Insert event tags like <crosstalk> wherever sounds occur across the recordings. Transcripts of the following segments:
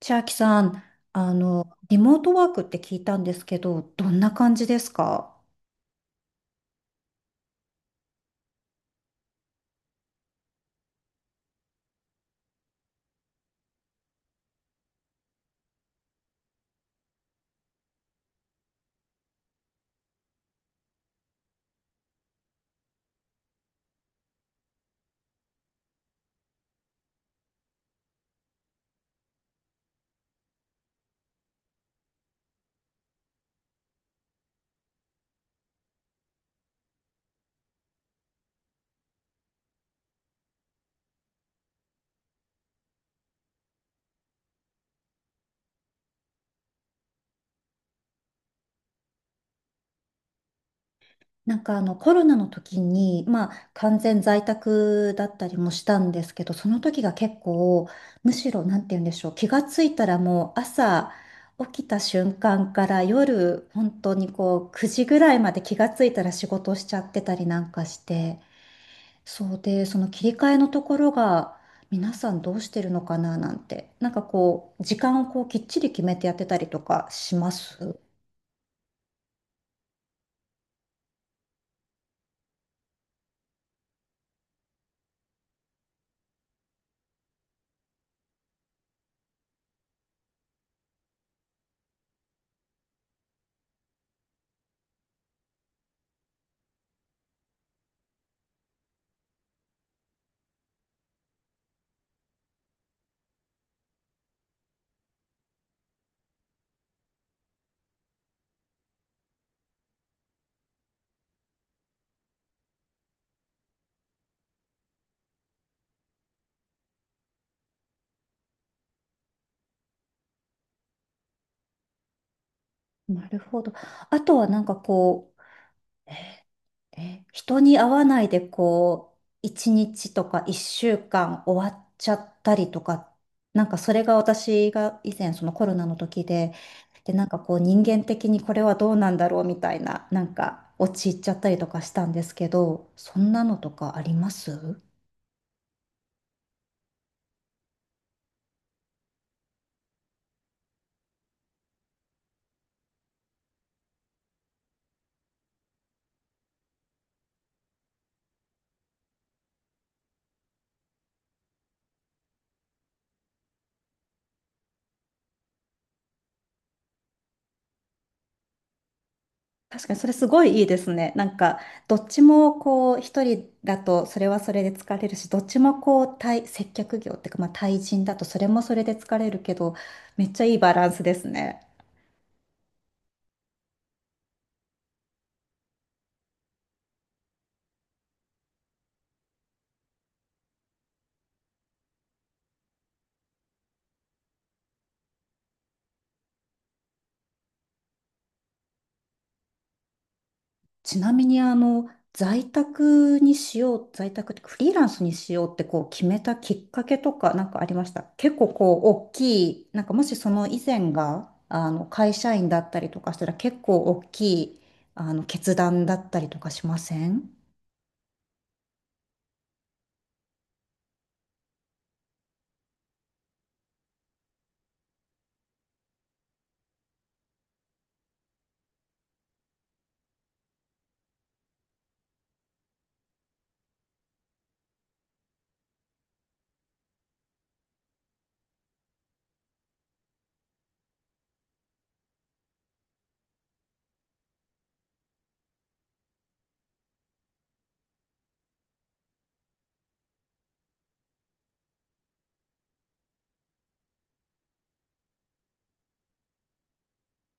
千秋さん、あの、リモートワークって聞いたんですけど、どんな感じですか？なんかコロナの時に、まあ、完全在宅だったりもしたんですけど、その時が結構、むしろ、なんて言うんでしょう、気がついたらもう朝起きた瞬間から夜、本当にこう、9時ぐらいまで気がついたら仕事しちゃってたりなんかして、そうで、その切り替えのところが皆さんどうしてるのかななんて、なんかこう、時間をこうきっちり決めてやってたりとかします？なるほど。あとはなんかこう、人に会わないでこう、一日とか一週間終わっちゃったりとか、なんかそれが私が以前そのコロナの時で、で、なんかこう人間的にこれはどうなんだろうみたいな、なんか陥っちゃったりとかしたんですけど、そんなのとかあります？確かにそれすごいいいですね。なんか、どっちもこう、一人だとそれはそれで疲れるし、どっちもこう、対、接客業っていうか、まあ対人だとそれもそれで疲れるけど、めっちゃいいバランスですね。ちなみに、在宅にしよう、在宅ってフリーランスにしようってこう決めたきっかけとかなんかありました？結構こう、大きい、なんかもしその以前が、会社員だったりとかしたら結構大きい、決断だったりとかしません？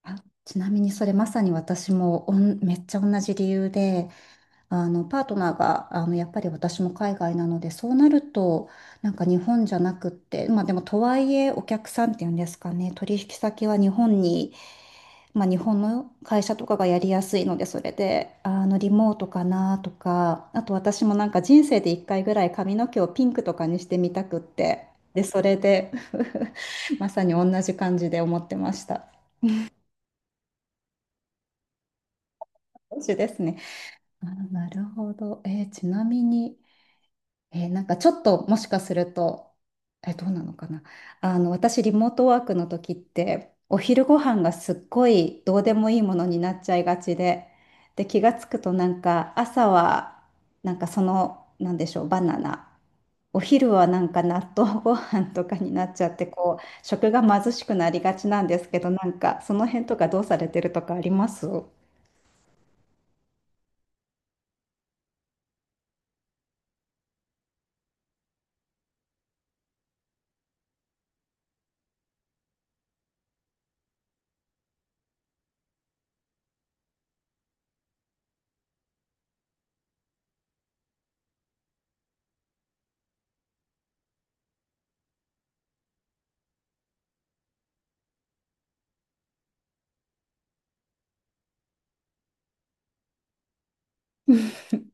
あちなみにそれまさに私もおんめっちゃ同じ理由であのパートナーがあのやっぱり私も海外なのでそうなるとなんか日本じゃなくってまあでもとはいえお客さんっていうんですかね、取引先は日本に、まあ、日本の会社とかがやりやすいのでそれであのリモートかなとか、あと私もなんか人生で1回ぐらい髪の毛をピンクとかにしてみたくってでそれで <laughs> まさに同じ感じで思ってました。同じですね。あ、なるほど。えーちなみに、えーなんかちょっともしかすると、えーどうなのかな。私、リモートワークの時って、お昼ご飯がすっごいどうでもいいものになっちゃいがちで、で、気がつくとなんか朝は、なんかその、なんでしょう、バナナ。お昼はなんか納豆ご飯とかになっちゃって、こう、食が貧しくなりがちなんですけど、なんかその辺とかどうされてるとかあります？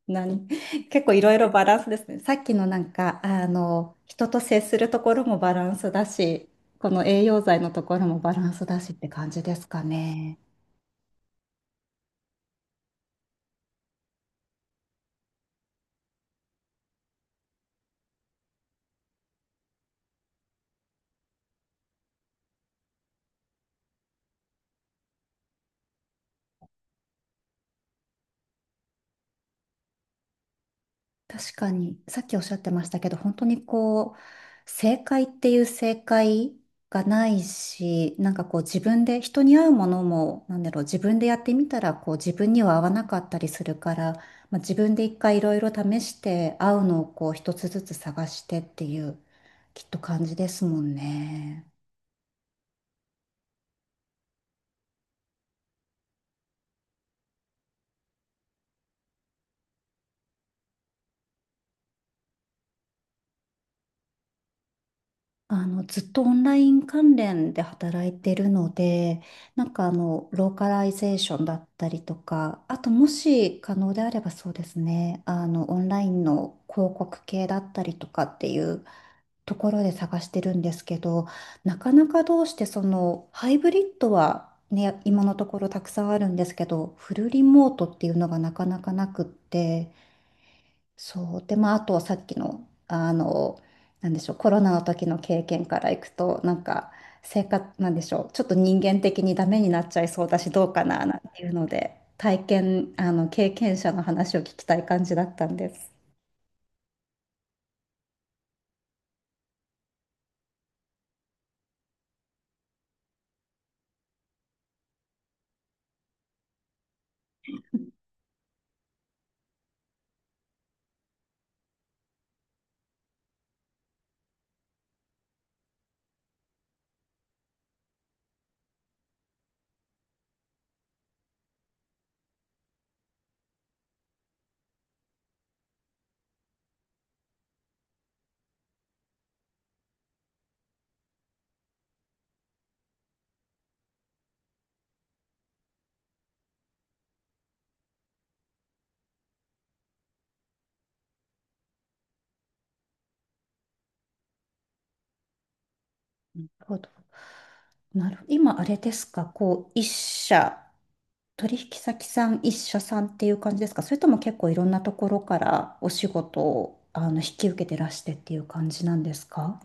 何 <laughs> 結構いろいろバランスですね。さっきのなんか、人と接するところもバランスだし、この栄養剤のところもバランスだしって感じですかね。確かに、さっきおっしゃってましたけど、本当にこう、正解っていう正解がないし、なんかこう自分で、人に合うものも、なんだろう、自分でやってみたら、こう自分には合わなかったりするから、まあ、自分で一回いろいろ試して、合うのをこう一つずつ探してっていう、きっと感じですもんね。ずっとオンライン関連で働いてるので、なんかローカライゼーションだったりとか、あともし可能であればそうですね、オンラインの広告系だったりとかっていうところで探してるんですけど、なかなかどうしてその、ハイブリッドはね、今のところたくさんあるんですけど、フルリモートっていうのがなかなかなくって、そう。で、まあ、あとはさっきの、なんでしょう、コロナの時の経験からいくと、なんか、生活、なんでしょう、ちょっと人間的にダメになっちゃいそうだし、どうかな、なんていうので、体験、経験者の話を聞きたい感じだったんです。なるほど。なる、今、あれですか、こう、一社、取引先さん、一社さんっていう感じですか、それとも結構いろんなところからお仕事を、引き受けてらしてっていう感じなんですか？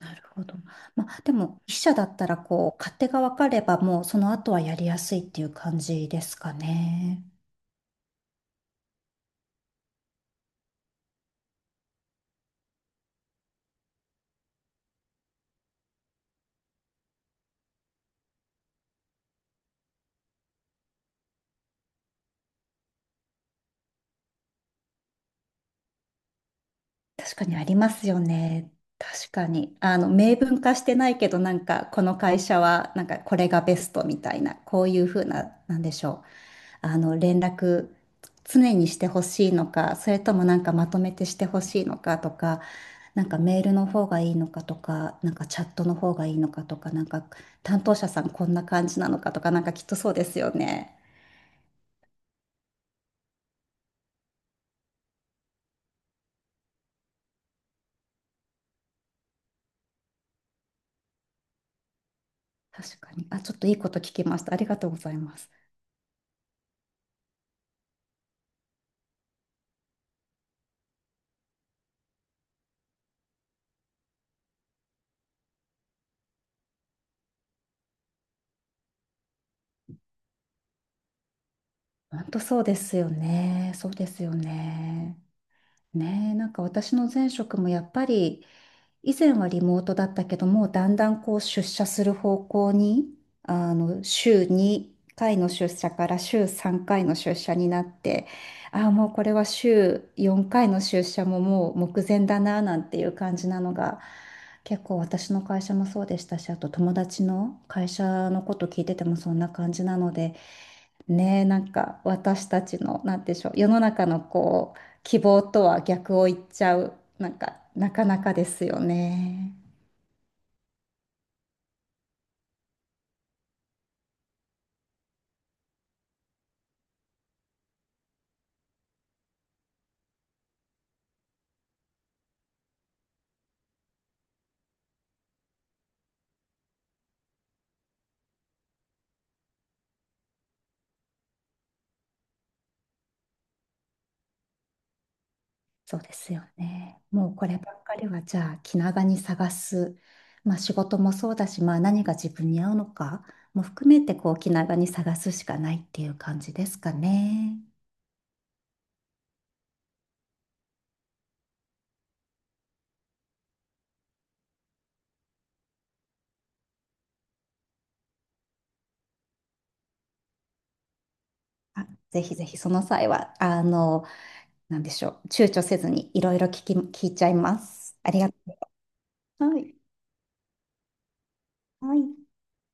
なるほど。まあ、でも、筆者だったら、こう、勝手が分かれば、もう、その後はやりやすいっていう感じですかね。確かにありますよね。確かに。明文化してないけど、なんか、この会社は、なんか、これがベストみたいな、こういうふうな、なんでしょう。連絡、常にしてほしいのか、それともなんかまとめてしてほしいのかとか、なんかメールの方がいいのかとか、なんかチャットの方がいいのかとか、なんか担当者さんこんな感じなのかとか、なんかきっとそうですよね。確かに。あ、ちょっといいこと聞きました。ありがとうございます。本当そうですよね。そうですよね。ねえ、なんか私の前職もやっぱり以前はリモートだったけど、もうだんだんこう出社する方向に、あの週2回の出社から週3回の出社になって、ああもうこれは週4回の出社ももう目前だななんていう感じなのが、結構私の会社もそうでしたし、あと友達の会社のこと聞いててもそんな感じなので、ねえなんか私たちのなんて言うんでしょう、世の中のこう希望とは逆を言っちゃう、なんか、なかなかですよね。そうですよね。もうこればっかりは、じゃあ、気長に探す。まあ、仕事もそうだし、まあ、何が自分に合うのかも含めて、こう、気長に探すしかないっていう感じですかね。あ、ぜひぜひ、その際は、なんでしょう、躊躇せずにいろいろ聞き、聞いちゃいます。ありがとう。はい。はい。